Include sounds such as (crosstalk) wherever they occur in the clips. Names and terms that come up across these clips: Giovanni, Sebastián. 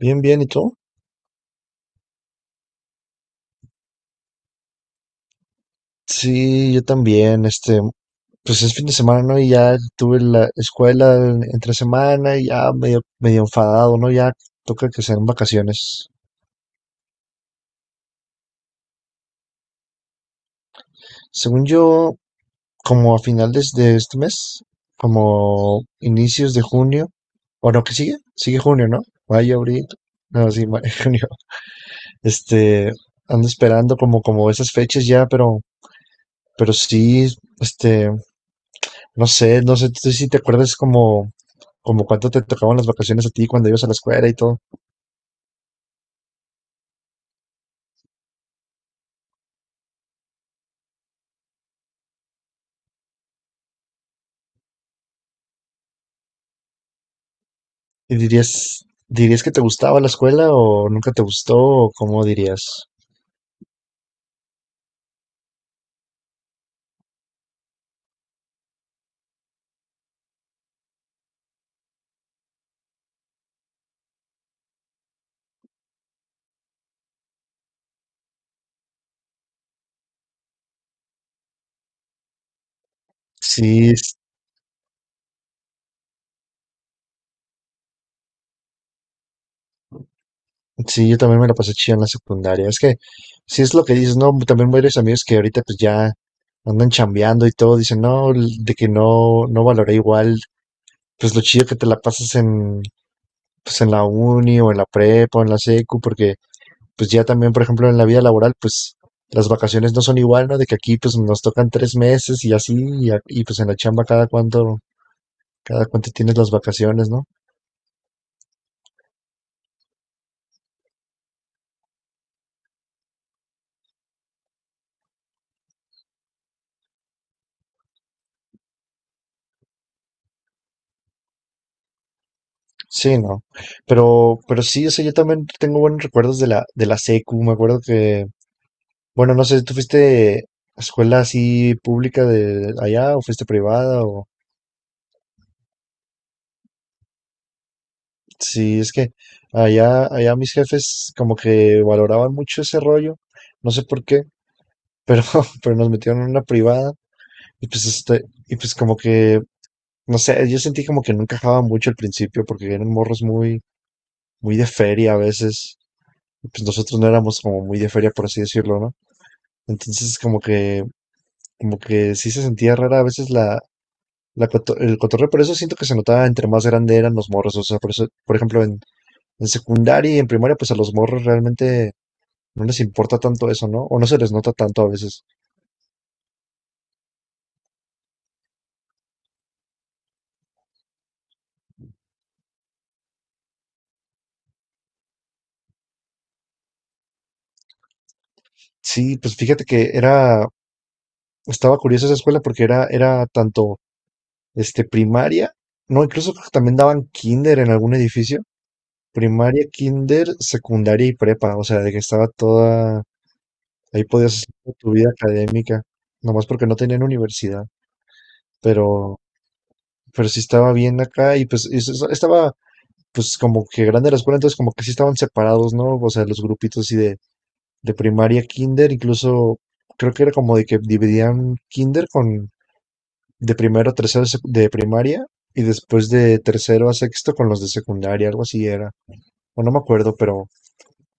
Bien, bien, ¿y tú? Sí, yo también, pues es fin de semana, ¿no? Y ya tuve la escuela entre semana y ya medio enfadado, ¿no? Ya toca que sean vacaciones. Según yo, como a finales de este mes, como inicios de junio, o no, ¿qué sigue? Sigue junio, ¿no? Mayo, abril, no, sí, mayo, (laughs) junio. Este, Ando esperando como esas fechas ya, pero sí, este, no sé, tú si te acuerdas como... Como cuánto te tocaban las vacaciones a ti cuando ibas a la escuela y todo. ¿Y dirías que te gustaba la escuela o nunca te gustó o cómo dirías? Sí, sí, yo también me la pasé chido en la secundaria. Si es lo que dices, ¿no? También varios amigos que ahorita pues ya andan chambeando y todo, dicen, no, l- de que no, no valoré igual, pues lo chido que te la pasas pues en la uni o en la prepa o en la secu, porque pues ya también, por ejemplo, en la vida laboral, pues las vacaciones no son igual, ¿no? De que aquí pues nos tocan tres meses y así, y pues en la chamba cada cada cuánto tienes las vacaciones, ¿no? Sí, no. Pero sí, o sea, yo también tengo buenos recuerdos de la secu. Me acuerdo que, bueno, no sé, ¿tú fuiste a escuela así pública de allá o fuiste privada? O sí, es que allá mis jefes como que valoraban mucho ese rollo. No sé por qué, pero, (laughs) pero nos metieron en una privada. Y pues y pues como que, no sé, yo sentí como que no encajaba mucho al principio, porque eran morros muy de feria a veces. Y pues nosotros no éramos como muy de feria, por así decirlo, ¿no? Entonces, como que sí se sentía rara a veces el cotorreo, por eso siento que se notaba entre más grande eran los morros. O sea, por eso, por ejemplo, en secundaria y en primaria, pues a los morros realmente no les importa tanto eso, ¿no? O no se les nota tanto a veces. Sí, pues fíjate que estaba curiosa esa escuela porque era tanto, este, primaria, no, incluso creo que también daban kinder en algún edificio. Primaria, kinder, secundaria y prepa, o sea, de que estaba toda, ahí podías hacer toda tu vida académica, nomás porque no tenían universidad, pero, pero sí estaba bien acá y pues estaba pues como que grande la escuela, entonces como que sí estaban separados, ¿no? O sea, los grupitos así de primaria, kinder, incluso creo que era como de que dividían kinder con de primero a tercero de de primaria y después de tercero a sexto con los de secundaria, algo así era, o no me acuerdo,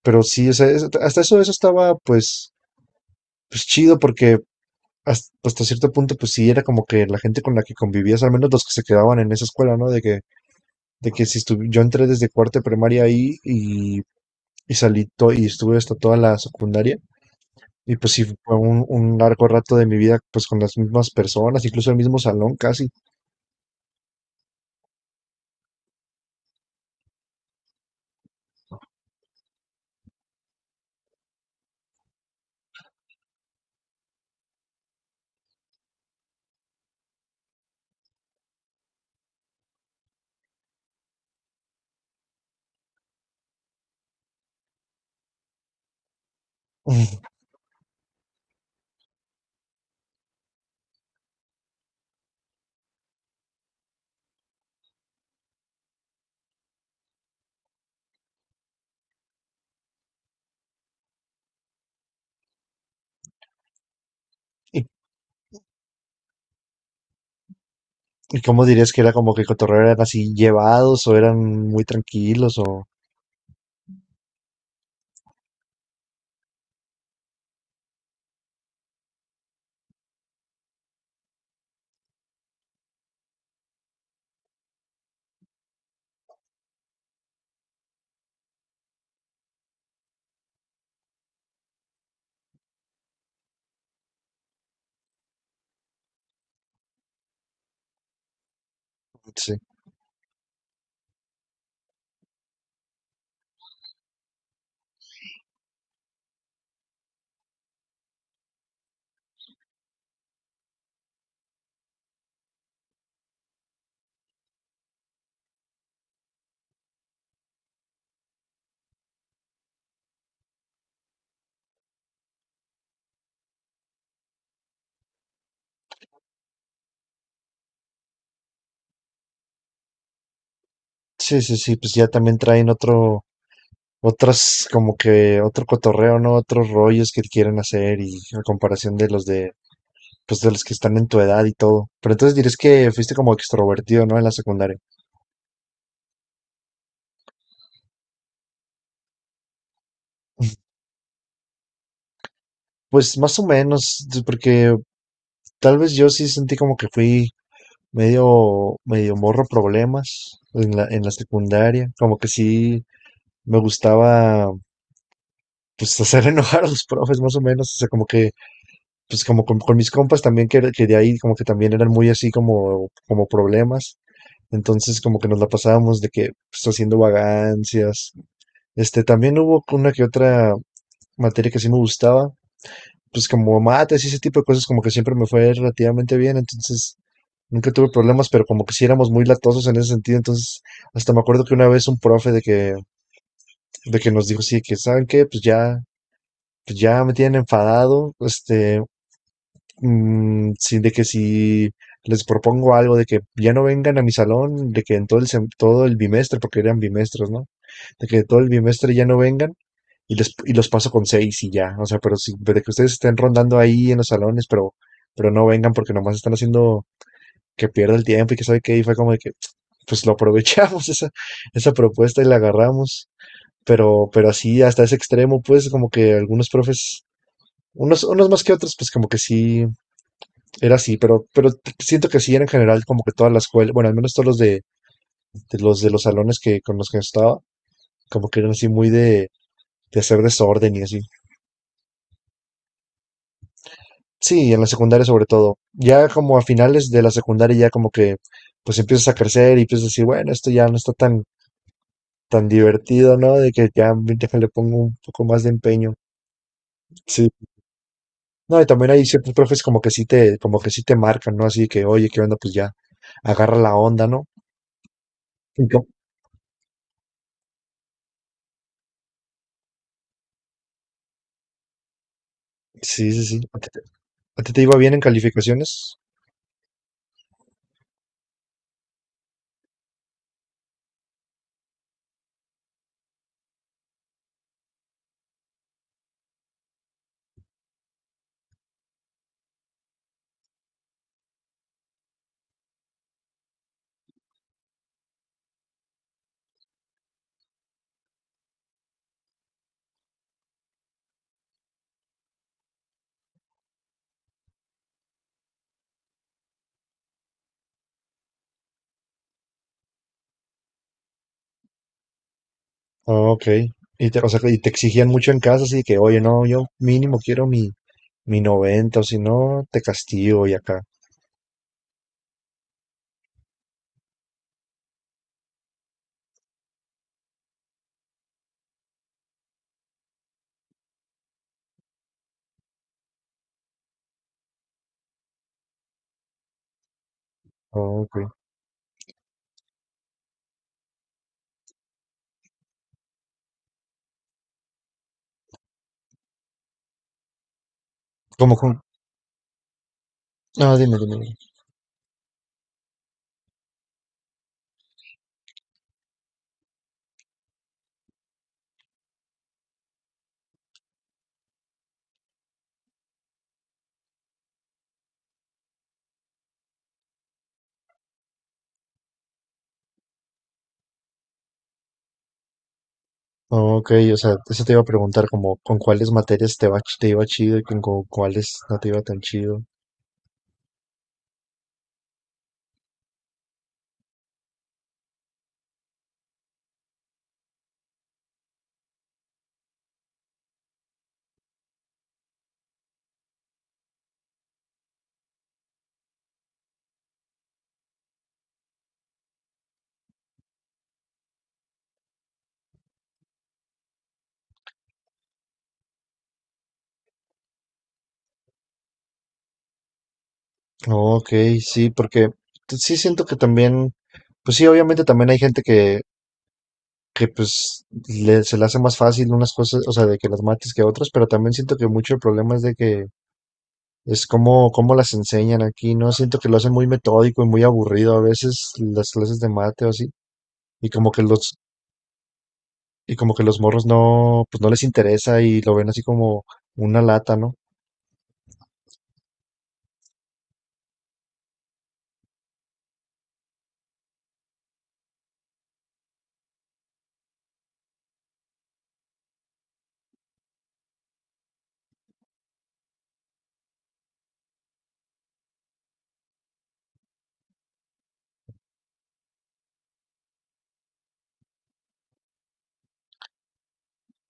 pero sí, o sea, es- hasta eso, eso estaba pues, pues chido porque hasta, pues, hasta cierto punto, pues sí, era como que la gente con la que convivías, al menos los que se quedaban en esa escuela, ¿no? De que si estuve, yo entré desde cuarto de primaria ahí y y estuve hasta toda la secundaria. Y pues sí, fue un largo rato de mi vida, pues con las mismas personas, incluso el mismo salón casi. (laughs) ¿Y, y cómo dirías que era como que cotorreo eran así llevados o eran muy tranquilos o sí. Sí, sí, sí, pues ya también traen otro, otras como que otro cotorreo, ¿no? Otros rollos que quieren hacer y a comparación de los de, pues de los que están en tu edad y todo. Pero entonces dirías que fuiste como extrovertido, ¿no? En la secundaria. Pues más o menos, t- porque tal vez yo sí sentí como que fui medio morro problemas en en la secundaria. Como que sí me gustaba, pues (laughs) hacer enojar a los profes más o menos. O sea, como que, pues con mis compas también que de ahí como que también eran muy así como problemas. Entonces, como que nos la pasábamos de que pues, haciendo vagancias. También hubo una que otra materia que sí me gustaba, pues como mates y ese tipo de cosas, como que siempre me fue relativamente bien, entonces nunca tuve problemas, pero como que sí éramos muy latosos en ese sentido, entonces hasta me acuerdo que una vez un profe de que nos dijo sí, que ¿saben qué? Pues ya me tienen enfadado, este, mm, sí, de que si les propongo algo de que ya no vengan a mi salón, de que en todo el todo el bimestre, porque eran bimestres, ¿no? De que todo el bimestre ya no vengan y y los paso con seis y ya. O sea, pero si, de que ustedes estén rondando ahí en los salones, pero no vengan porque nomás están haciendo que pierda el tiempo y que sabe qué y fue como de que pues lo aprovechamos (laughs) esa propuesta y la agarramos. Pero así hasta ese extremo, pues como que algunos profes, unos más que otros, pues como que sí, era así, pero siento que sí era en general como que toda la escuela, bueno, al menos todos los de los salones que con los que estaba, como que eran así muy de hacer desorden y así. Sí, en la secundaria sobre todo. Ya como a finales de la secundaria ya como que pues empiezas a crecer y empiezas a decir, bueno, esto ya no está tan divertido, ¿no? De que ya déjale pongo un poco más de empeño. Sí. No, y también hay ciertos profes como que sí te marcan, ¿no? Así que, oye, ¿qué onda? Pues ya agarra la onda, ¿no? Y como- sí, sí, sí. ¿A ti te iba bien en calificaciones? Ah, ok. Y te, o sea, y te exigían mucho en casa, así que, oye, no, yo mínimo quiero mi 90, o si no, te castigo y acá. Ah, ok. ¿Cómo con...? Ah, dime. Ah, ok, o sea, eso te iba a preguntar, como con cuáles materias te iba chido y con cuáles no te iba tan chido. Ok, sí, porque t- sí siento que también, pues sí, obviamente también hay gente que pues se le hace más fácil unas cosas, o sea, de que las mates que otras, pero también siento que mucho el problema es de que es como, cómo las enseñan aquí, ¿no? Siento que lo hacen muy metódico y muy aburrido a veces las clases de mate o así, y como que los, y como que los morros no, pues no les interesa y lo ven así como una lata, ¿no?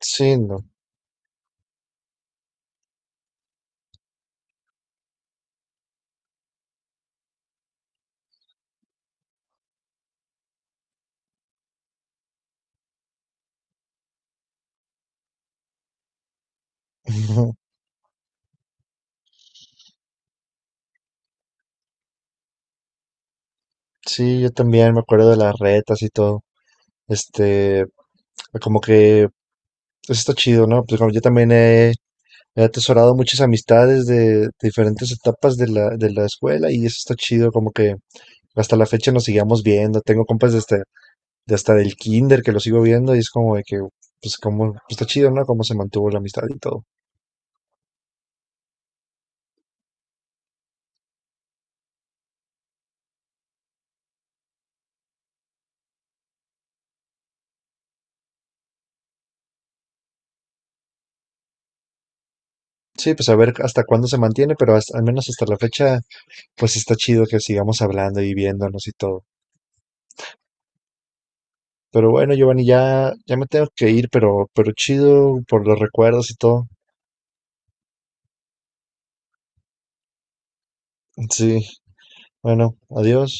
Sí, no. (laughs) Sí, yo también me acuerdo de las retas y todo. Este, Como que eso está chido, ¿no? Pues como yo también he atesorado muchas amistades de, diferentes etapas de la escuela y eso está chido, como que hasta la fecha nos sigamos viendo. Tengo compas desde, de hasta del kinder que lo sigo viendo y es como de que, pues como, pues, está chido, ¿no? Cómo se mantuvo la amistad y todo. Sí, pues a ver hasta cuándo se mantiene, pero hasta- al menos hasta la fecha, pues está chido que sigamos hablando y viéndonos y todo. Pero bueno, Giovanni, ya me tengo que ir, pero chido por los recuerdos y todo. Sí, bueno, adiós.